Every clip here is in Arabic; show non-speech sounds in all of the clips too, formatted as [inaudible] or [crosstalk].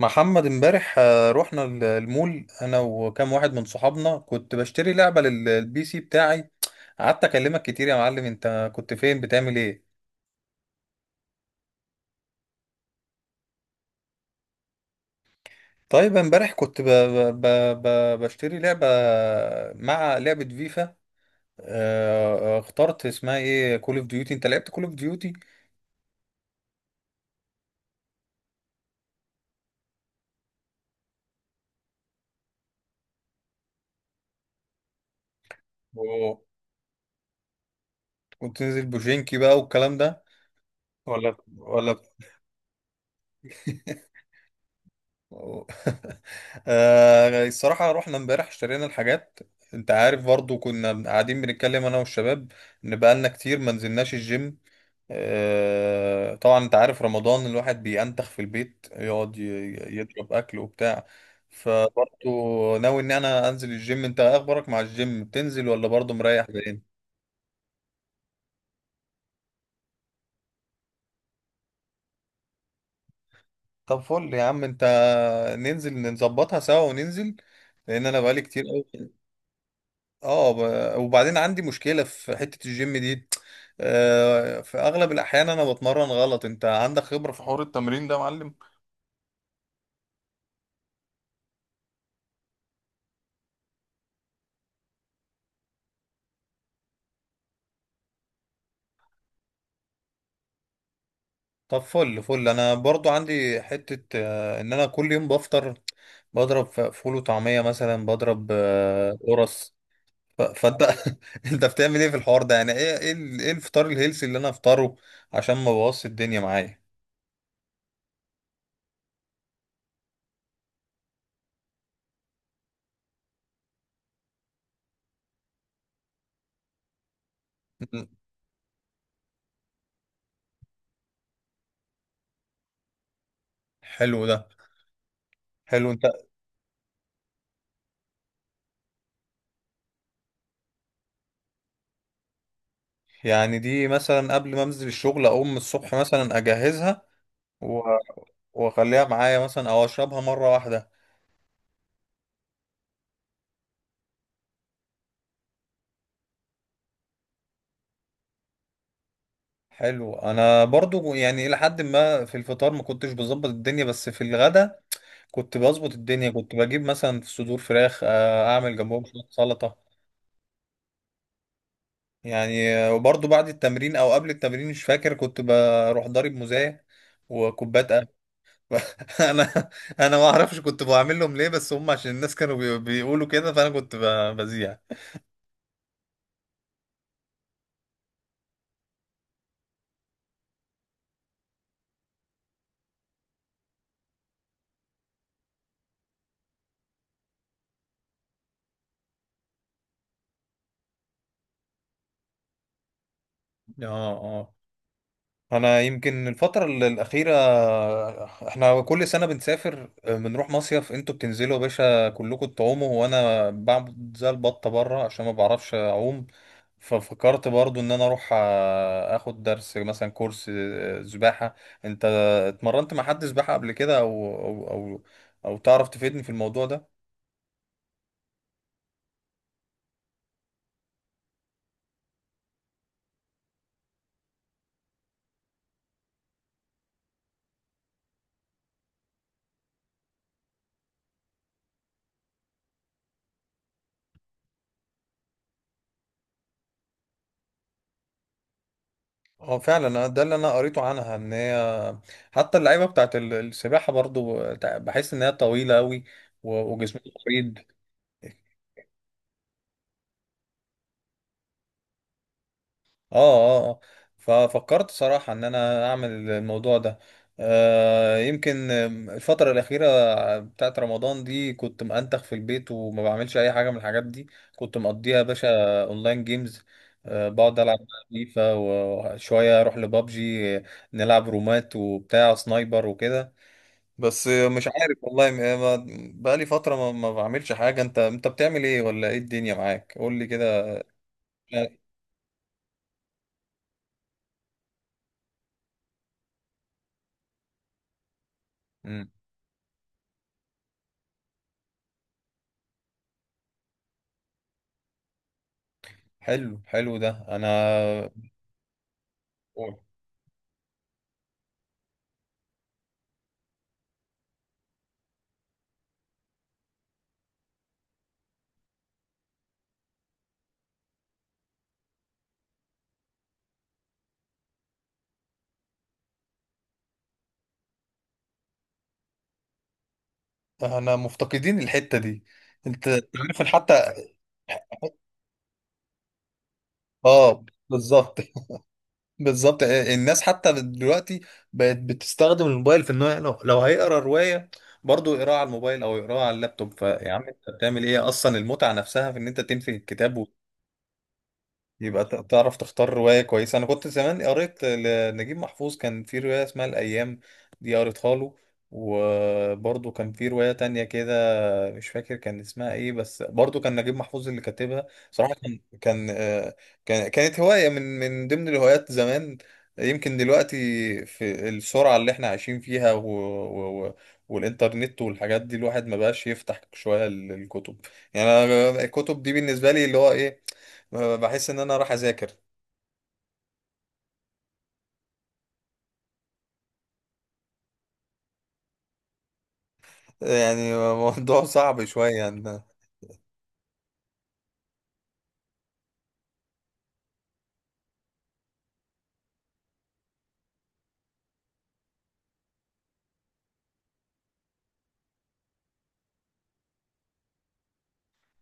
محمد امبارح، رحنا المول انا وكام واحد من صحابنا. كنت بشتري لعبة للبي سي بتاعي. قعدت اكلمك كتير يا معلم، انت كنت فين بتعمل ايه؟ طيب امبارح كنت بشتري لعبة مع لعبة فيفا. اخترت اسمها ايه؟ كول اوف ديوتي. انت لعبت كول اوف ديوتي وكنت تنزل بوجينكي بقى والكلام ده؟ ولا ولا. [laughs] أو- [laughs] الصراحة رحنا امبارح اشترينا الحاجات. انت عارف، برضو كنا قاعدين بنتكلم انا والشباب ان بقالنا كتير ما نزلناش الجيم. طبعا انت عارف رمضان الواحد بينتخ في البيت، يقعد يضرب اكل وبتاع. فبرضو ناوي ان انا انزل الجيم. انت ايه اخبارك مع الجيم؟ بتنزل ولا برضو مريح بعدين؟ طب فل يا عم انت، ننزل نظبطها سوا وننزل، لان انا بقالي كتير قوي. اه، وبعدين عندي مشكلة في حتة الجيم دي. في اغلب الاحيان انا بتمرن غلط. انت عندك خبرة في حوار التمرين ده يا معلم؟ طب فل فل، انا برضو عندي حتة، ان انا كل يوم بفطر، بضرب فول وطعمية، مثلا بضرب قرص. فانت [laughs] انت بتعمل ايه في الحوار ده؟ يعني ايه إيه الفطار الهيلثي اللي انا افطره عشان ما بوظش الدنيا معايا؟ م- حلو ده، حلو. انت يعني دي مثلا قبل ما انزل الشغل اقوم الصبح مثلا اجهزها و- واخليها معايا، مثلا او اشربها مره واحده؟ حلو. انا برضو يعني الى حد ما في الفطار ما كنتش بظبط الدنيا، بس في الغدا كنت بظبط الدنيا، كنت بجيب مثلا صدور فراخ، اعمل جنبهم شويه سلطه. يعني وبرضو بعد التمرين او قبل التمرين مش فاكر، كنت بروح ضارب موزاية وكوبايه قهوه. [laughs] انا انا ما اعرفش كنت بعمل لهم ليه، بس هم عشان الناس كانوا بيقولوا كده، فانا كنت بذيع. اه، اه، انا يمكن الفترة الأخيرة. احنا كل سنة بنسافر، بنروح مصيف. انتوا بتنزلوا يا باشا كلكم تعوموا، وانا بعمل زي البطة بره عشان ما بعرفش اعوم. ففكرت برضو ان انا اروح اخد درس، مثلا كورس سباحة. انت اتمرنت مع حد سباحة قبل كده، او تعرف تفيدني في الموضوع ده؟ اه فعلا، أنا ده اللي انا قريته عنها، ان هي حتى اللعيبة بتاعت السباحة برضو، بحس ان هي طويلة قوي وجسمهم مريض. اه، اه، اه. ففكرت صراحة ان انا اعمل الموضوع ده. يمكن الفترة الأخيرة بتاعت رمضان دي كنت مأنتخ في البيت وما بعملش أي حاجة من الحاجات دي. كنت مقضيها يا باشا أونلاين جيمز. بقعد ألعب بقى فيفا وشوية أروح لبابجي، نلعب رومات وبتاع سنايبر وكده. بس مش عارف والله، بقالي فترة ما بعملش حاجة. أنت بتعمل إيه؟ ولا إيه الدنيا معاك؟ قول لي كده. حلو، حلو ده. انا مفتقدين الحتة دي. انت عارف حتى؟ اه بالظبط. [laughs] بالظبط، الناس حتى دلوقتي بقت بتستخدم الموبايل في انه، لو هيقرا رواية برضه يقراها على الموبايل، او يقراها على اللابتوب. فيا عم انت بتعمل ايه؟ اصلا المتعة نفسها في ان انت تنفي الكتاب، ويبقى تعرف تختار رواية كويسة. انا كنت زمان قريت لنجيب محفوظ، كان في رواية اسمها الايام، دي قريتها له. وبرضه كان في رواية تانية كده، مش فاكر كان اسمها ايه، بس برضو كان نجيب محفوظ اللي كاتبها. صراحة كانت هواية من ضمن الهوايات زمان. يمكن دلوقتي في السرعة اللي احنا عايشين فيها والإنترنت والحاجات دي، الواحد ما بقاش يفتح شوية الكتب. يعني أنا الكتب دي بالنسبة لي اللي هو ايه، بحس ان انا راح اذاكر. يعني موضوع [laughs] صعب شوية يعني.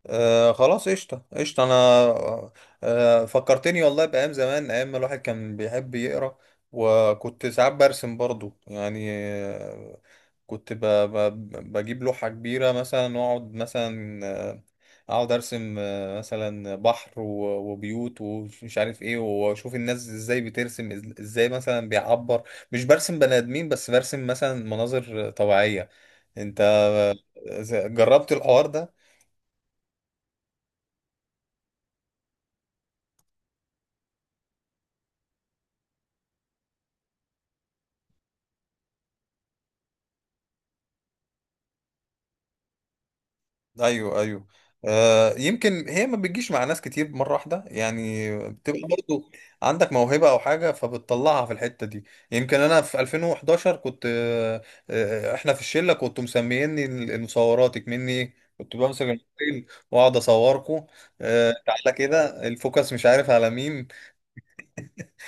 خلاص قشطة، قشطة. أنا فكرتني والله بأيام زمان، أيام ما الواحد كان بيحب يقرأ. وكنت ساعات برسم برضو، يعني كنت ب ب بجيب لوحة كبيرة مثلا وأقعد مثلا، آه، أقعد أرسم، مثلا بحر وبيوت ومش عارف إيه. وأشوف الناس إزاي بترسم، إزاي مثلا بيعبر. مش برسم بني آدمين بس، برسم مثلا مناظر طبيعية. أنت جربت الحوار ده؟ ايوه، ايوه. يمكن هي ما بتجيش مع ناس كتير مره واحده، يعني بتبقى برضو عندك موهبه او حاجه فبتطلعها في الحته دي. يمكن انا في 2011 كنت، احنا في الشله كنتوا مسميني المصوراتك، مني كنت بمسك الموبايل واقعد اصوركم. تعالى كده الفوكس مش عارف على مين.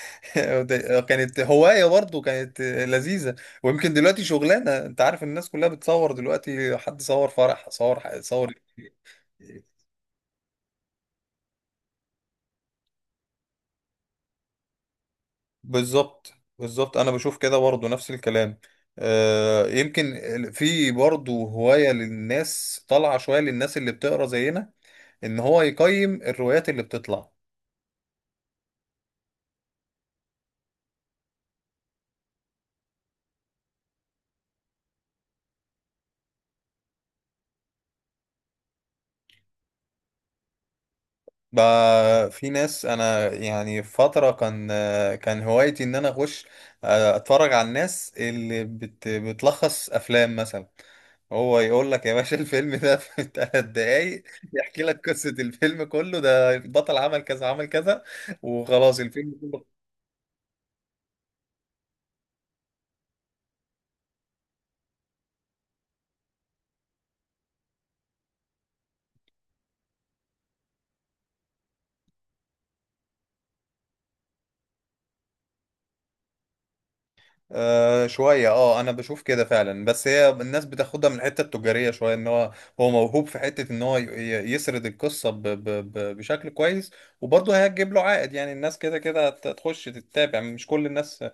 [laughs] كانت هوايه برضو، كانت لذيذه. ويمكن دلوقتي شغلانه، انت عارف الناس كلها بتصور دلوقتي، حد صور فرح، صور صور. بالظبط، بالظبط. انا بشوف كده برضه، نفس الكلام. يمكن في برضه هواية للناس طالعة شوية، للناس اللي بتقرا زينا، ان هو يقيم الروايات اللي بتطلع. بقى في ناس، انا يعني في فترة كان آه، كان هوايتي ان انا اخش، اتفرج على الناس اللي بتلخص افلام مثلا. هو يقول لك يا باشا [laughs] الفيلم ده في [laughs] 3 دقايق، يحكي لك قصة الفيلم كله، ده البطل عمل كذا عمل كذا، وخلاص الفيلم كله. شوية اه، انا بشوف كده فعلا، بس هي الناس بتاخدها من الحتة التجارية شوية، ان هو موهوب في حتة ان هو يسرد القصة ب ب ب بشكل كويس، وبرضه هيجيب له عائد. يعني الناس كده كده هتخش تتابع، يعني مش كل الناس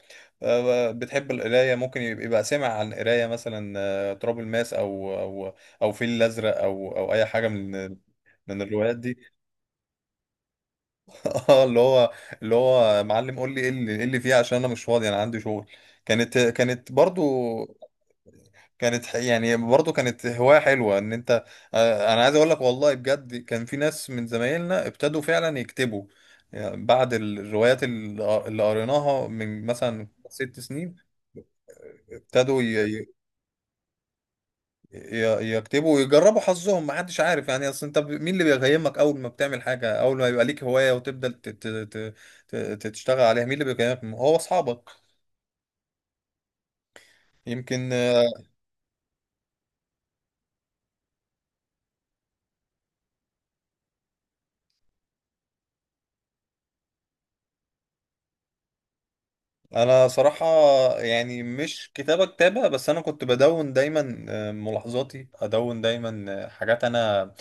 بتحب القراية. ممكن يبقى سمع عن القراية، مثلا تراب الماس، او فيل الازرق، او اي حاجة من الروايات دي. [laughs] اه، اللي هو معلم قول لي ايه اللي فيها، عشان انا مش فاضي، انا عندي شغل. كانت برضو، كانت يعني برضه كانت هواية حلوة ان انت، انا عايز اقول لك، والله بجد كان في ناس من زمايلنا ابتدوا فعلا يكتبوا. يعني بعد الروايات اللي قريناها من مثلا 6 سنين، ابتدوا ي- يكتبوا ويجربوا حظهم. ما حدش عارف يعني، اصل انت، مين اللي بيقيمك اول ما بتعمل حاجة، اول ما يبقى ليك هواية وتبدأ تشتغل عليها؟ مين اللي بيقيمك؟ هو اصحابك يمكن. انا صراحة يعني مش كتابة كتابة، بس انا كنت بدون دايما، ملاحظاتي، ادون دايما حاجات انا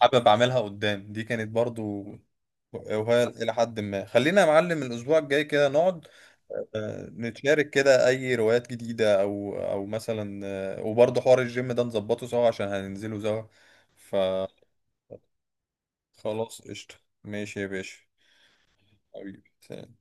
حابب اعملها قدام. دي كانت برضو. وهي الى حد ما خلينا يا معلم الاسبوع الجاي كده نقعد، نتشارك كده اي روايات جديدة او مثلا، وبرضو حوار الجيم ده نظبطه سوا عشان هننزله سوا. فخلاص قشطة، ماشي يا باشا، حبيبي سلام.